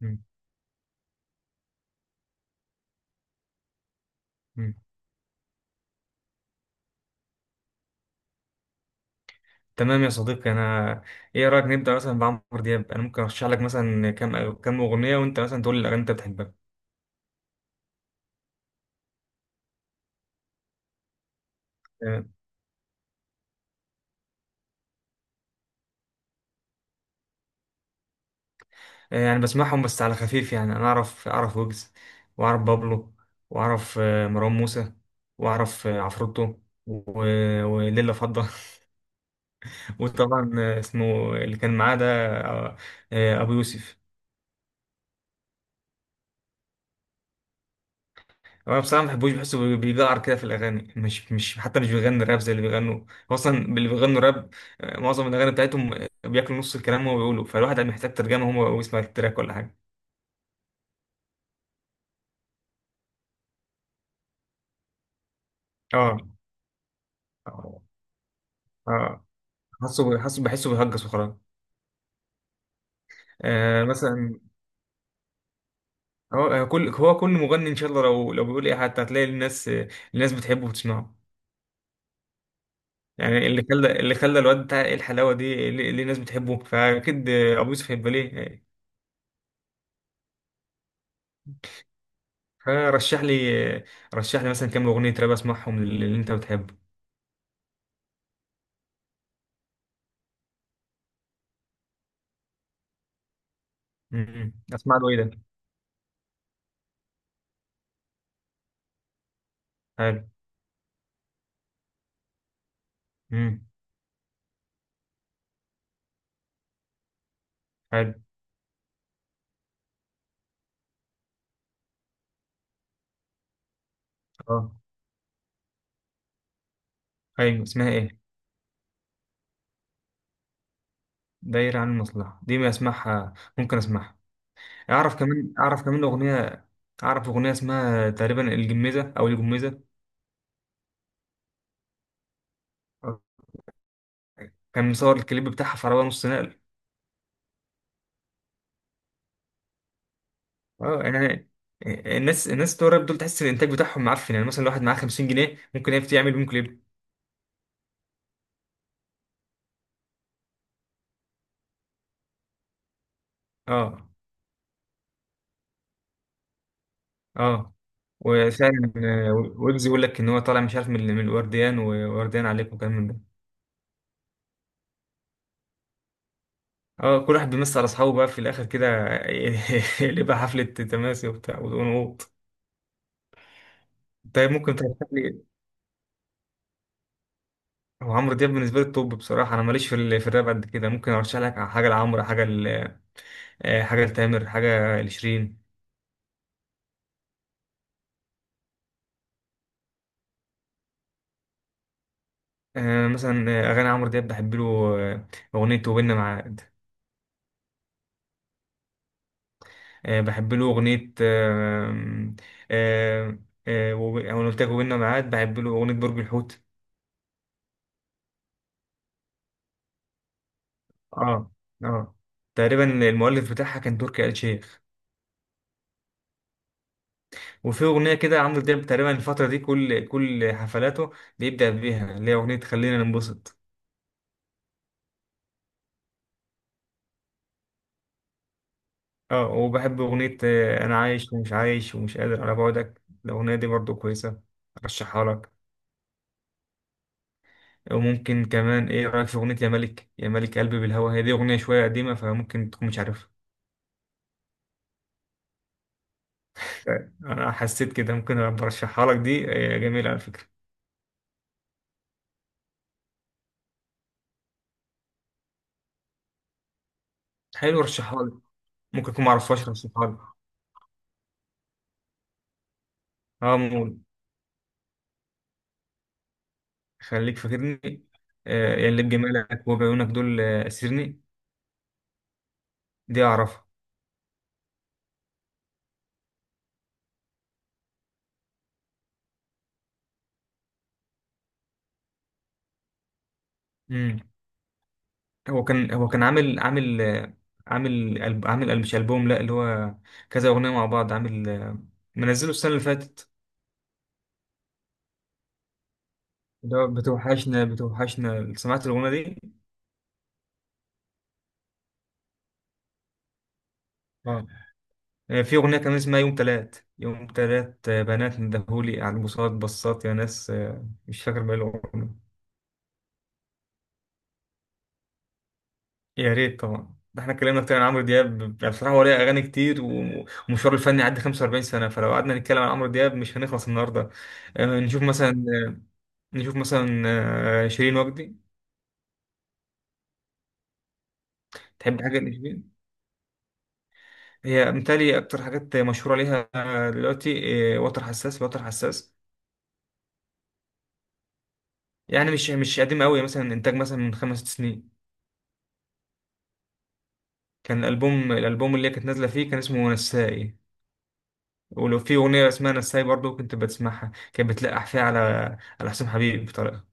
مم. مم. تمام يا صديقي، ايه رايك نبدا مثلا بعمرو دياب. انا ممكن ارشح لك مثلا كام اغنيه وانت مثلا تقول لي الاغاني اللي انت بتحبها. تمام. يعني بسمعهم بس على خفيف. يعني انا اعرف ويجز، واعرف بابلو، واعرف مروان موسى، واعرف عفروتو، وليلة فضة. وطبعا اسمه اللي كان معاه ده، آه، ابو يوسف. انا بصراحه ما بحبوش، بحسه بيجعر كده في الاغاني. مش حتى مش بيغني راب زي اللي بيغنوا. هو اصلا اللي بيغنوا راب معظم الاغاني بتاعتهم بياكلوا نص الكلام وهو بيقوله، فالواحد محتاج ترجمه هو ويسمع التراك ولا حاجه. اه. اه. آه. حاسه بحسه بيهجس وخلاص. مثلا هو كل مغني ان شاء الله لو بيقول ايه حتى هتلاقي الناس بتحبه وبتسمعه. يعني اللي خلى الواد بتاع ايه الحلاوه دي، ليه الناس بتحبه، فاكيد ابو يوسف هيبقى ليه. فرشح لي رشح لي مثلا كام اغنيه راب اسمعهم اللي انت بتحبه. اسمع له ايه ده. حلو. امم. حلو. اه، ايوه، اسمها ايه؟ دايره عن المصلحه دي ما اسمعها، ممكن اسمعها. اعرف كمان اغنيه. اعرف اغنيه اسمها تقريبا الجميزه او الجميزه. آه. كان مصور الكليب بتاعها في عربيه نص نقل. اه، يعني الناس بتوع الراب دول تحس الانتاج بتاعهم معفن. يعني مثلا لو واحد معاه 50 جنيه ممكن يعمل بيهم كليب. اه. اه. وفعلا ويجز يقول لك ان هو طالع مش عارف من الورديان، وورديان عليكم وكلام من ده. اه، كل واحد بيمس على اصحابه بقى في الاخر كده. يبقى حفله تماسي وبتاع ونقوط. طيب ممكن ترشح لي. هو عمرو دياب بالنسبه لي التوب. بصراحه انا ماليش في الراب قد كده. ممكن ارشح لك حاجه لعمرو، حاجه لتامر، حاجه لشيرين. مثلا اغاني عمرو دياب بحب له آه، اغنيه وبيننا مع. بحب له أغنية آه، أنا قلت لك وبيننا ميعاد. بحب له أغنية برج الحوت. اه. اه. تقريبا المؤلف بتاعها كان تركي آل الشيخ. وفي أغنية كده عمرو دياب تقريبا الفترة دي كل حفلاته بيبدأ بيها، اللي هي أغنية خلينا ننبسط. اه، وبحب أغنية أنا عايش ومش عايش ومش قادر على بعدك، الأغنية دي برضو كويسة، أرشحها لك. وممكن كمان، إيه رأيك في أغنية يا ملك يا ملك قلبي بالهوى؟ هي دي أغنية شوية قديمة فممكن تكون مش عارفها. طيب انا حسيت كده، ممكن برشحها لك دي، جميله على فكره. حلو، رشحها لي. ممكن اكون ما اعرفهاش، رشحها لي. اه مول. خليك فاكرني. آه يا اللي بجمالك وبعيونك دول اسرني. دي اعرفها. امم. هو كان عامل مش البوم، لا، اللي هو كذا اغنيه مع بعض عامل منزله السنه اللي فاتت. اللي هو بتوحشنا، بتوحشنا، سمعت الاغنيه دي؟ اه. في أغنية كان اسمها يوم تلات يوم تلات، بنات ندهولي على البوصات بصات يا ناس. مش فاكر بقى الأغنية. يا ريت طبعا، ده احنا اتكلمنا كتير عن عمرو دياب، يعني بصراحة هو ليه أغاني كتير. ومشواره الفني عدى 45 سنة، فلو قعدنا نتكلم عن عمرو دياب مش هنخلص النهاردة. آه، نشوف مثلا نشوف مثلا شيرين وجدي. تحب حاجة لشيرين؟ هي متهيألي أكتر حاجات مشهورة ليها دلوقتي وتر حساس، وتر حساس. يعني مش قديمة أوي، مثلا إنتاج مثلا من 5 سنين. كان الألبوم اللي هي كانت نازلة فيه كان اسمه نسائي. ولو في أغنية اسمها نسائي برضه كنت بتسمعها، كانت بتلقح فيها على حسام حبيب بطريقة.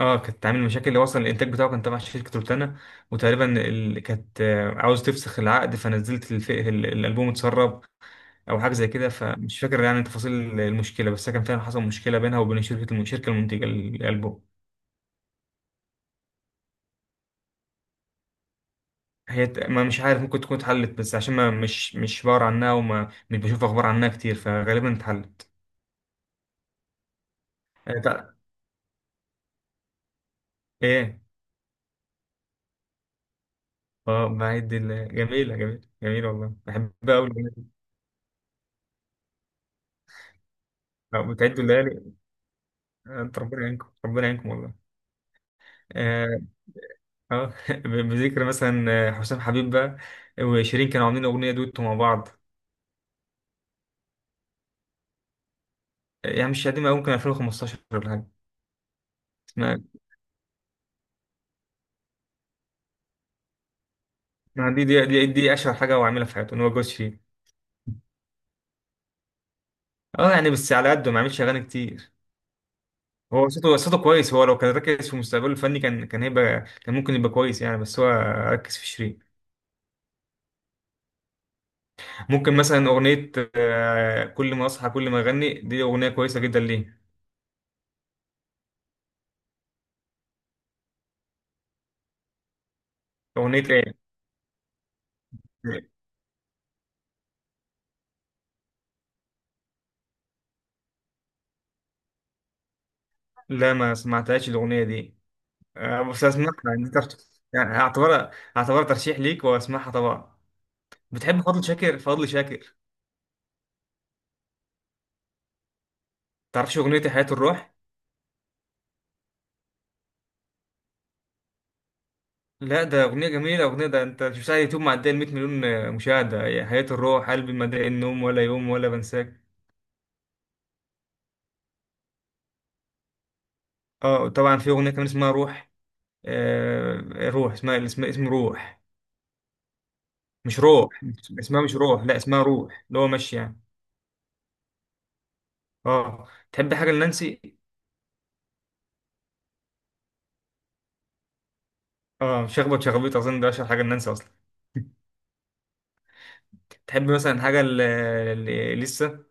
اه، كانت عامل مشاكل. اللي وصل الانتاج بتاعه كان تبع شركة روتانا. وتقريبا كانت عاوز تفسخ العقد، فنزلت الألبوم اتسرب أو حاجة زي كده. فمش فاكر يعني تفاصيل المشكلة، بس كان فعلا حصل مشكلة بينها وبين الشركة المنتجة للألبوم. ما مش عارف، ممكن تكون اتحلت. بس عشان ما مش بقرا عنها وما مش بشوف أخبار عنها كتير فغالبا اتحلت. آه، ايه. اه جميلة جميلة جميلة، والله بحب أوي الأغنية دي. بتعدوا الليالي. انت، ربنا يعينكم ربنا يعينكم والله. اه. بذكر مثلا حسام حبيب بقى وشيرين كانوا عاملين أغنية دويتو مع بعض. يعني مش قديمة أوي، ممكن 2015 ولا حاجة. اسمها اسمها دي دي أشهر حاجة هو عاملها في حياته إن هو جوز شيرين. اه، يعني بس على قده ما عملش أغاني كتير. هو صوته كويس. هو لو كان ركز في مستقبله الفني كان هيبقى كان ممكن يبقى كويس يعني، بس هو ركز في شيرين. ممكن مثلا أغنية كل ما أصحى كل ما أغني، دي أغنية كويسة جدا ليه. أغنية إيه؟ لا ما سمعتهاش الأغنية دي. بس أسمعها يعني ترشيح. يعني أعتبرها ترشيح ليك وأسمعها طبعا. بتحب فضل شاكر؟ فضل شاكر، تعرفش أغنية حياة الروح؟ لا، ده أغنية جميلة، أغنية ده أنت شفتها على اليوتيوب معدية ال 100 مليون مشاهدة. هي حياة الروح، قلبي ما ضاق النوم ولا يوم ولا بنساك. أه طبعا، في أغنية كمان اسمها روح. روح اسمها اسم روح. مش روح. اسمها مش روح، لا، اسمها روح، اللي هو مشي يعني. اه. تحب حاجه لنانسي؟ اه، شخبط شخبيط، اظن ده اشهر حاجه لنانسي اصلا. تحب مثلا حاجه لسه.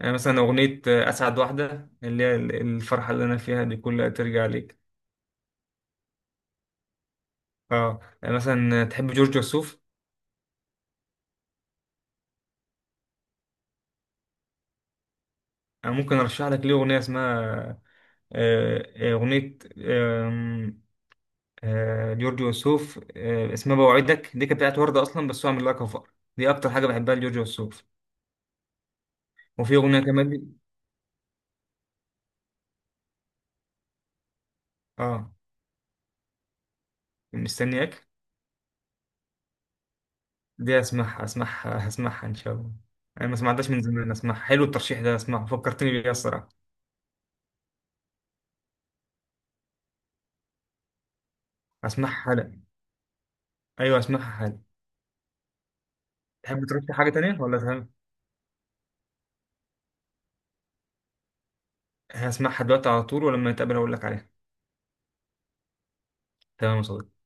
يعني مثلا اغنيه اسعد واحده اللي هي الفرحه اللي انا فيها دي كلها ترجع ليك. اه. يعني مثلا تحب جورج وسوف؟ انا ممكن ارشح لك ليه اغنيه اسمها آه، آه، اغنيه آم، آه، جورج وسوف اسمها بوعدك. دي كانت بتاعت ورده اصلا بس هو عامل لها كفر. دي اكتر حاجه بحبها لجورج وسوف. وفي أغنية كمان. اه، مستنياك. دي اسمعها هسمعها ان شاء الله. انا ما سمعتهاش من زمان، اسمعها، حلو الترشيح ده، اسمعه، فكرتني بيه الصراحه. اسمعها حالا، ايوه اسمعها حالا. تحب ترشح حاجه تانية ولا تهم؟ هسمعها دلوقتي على طول، ولما نتقابل اقول لك عليها. تمام يا صديقي.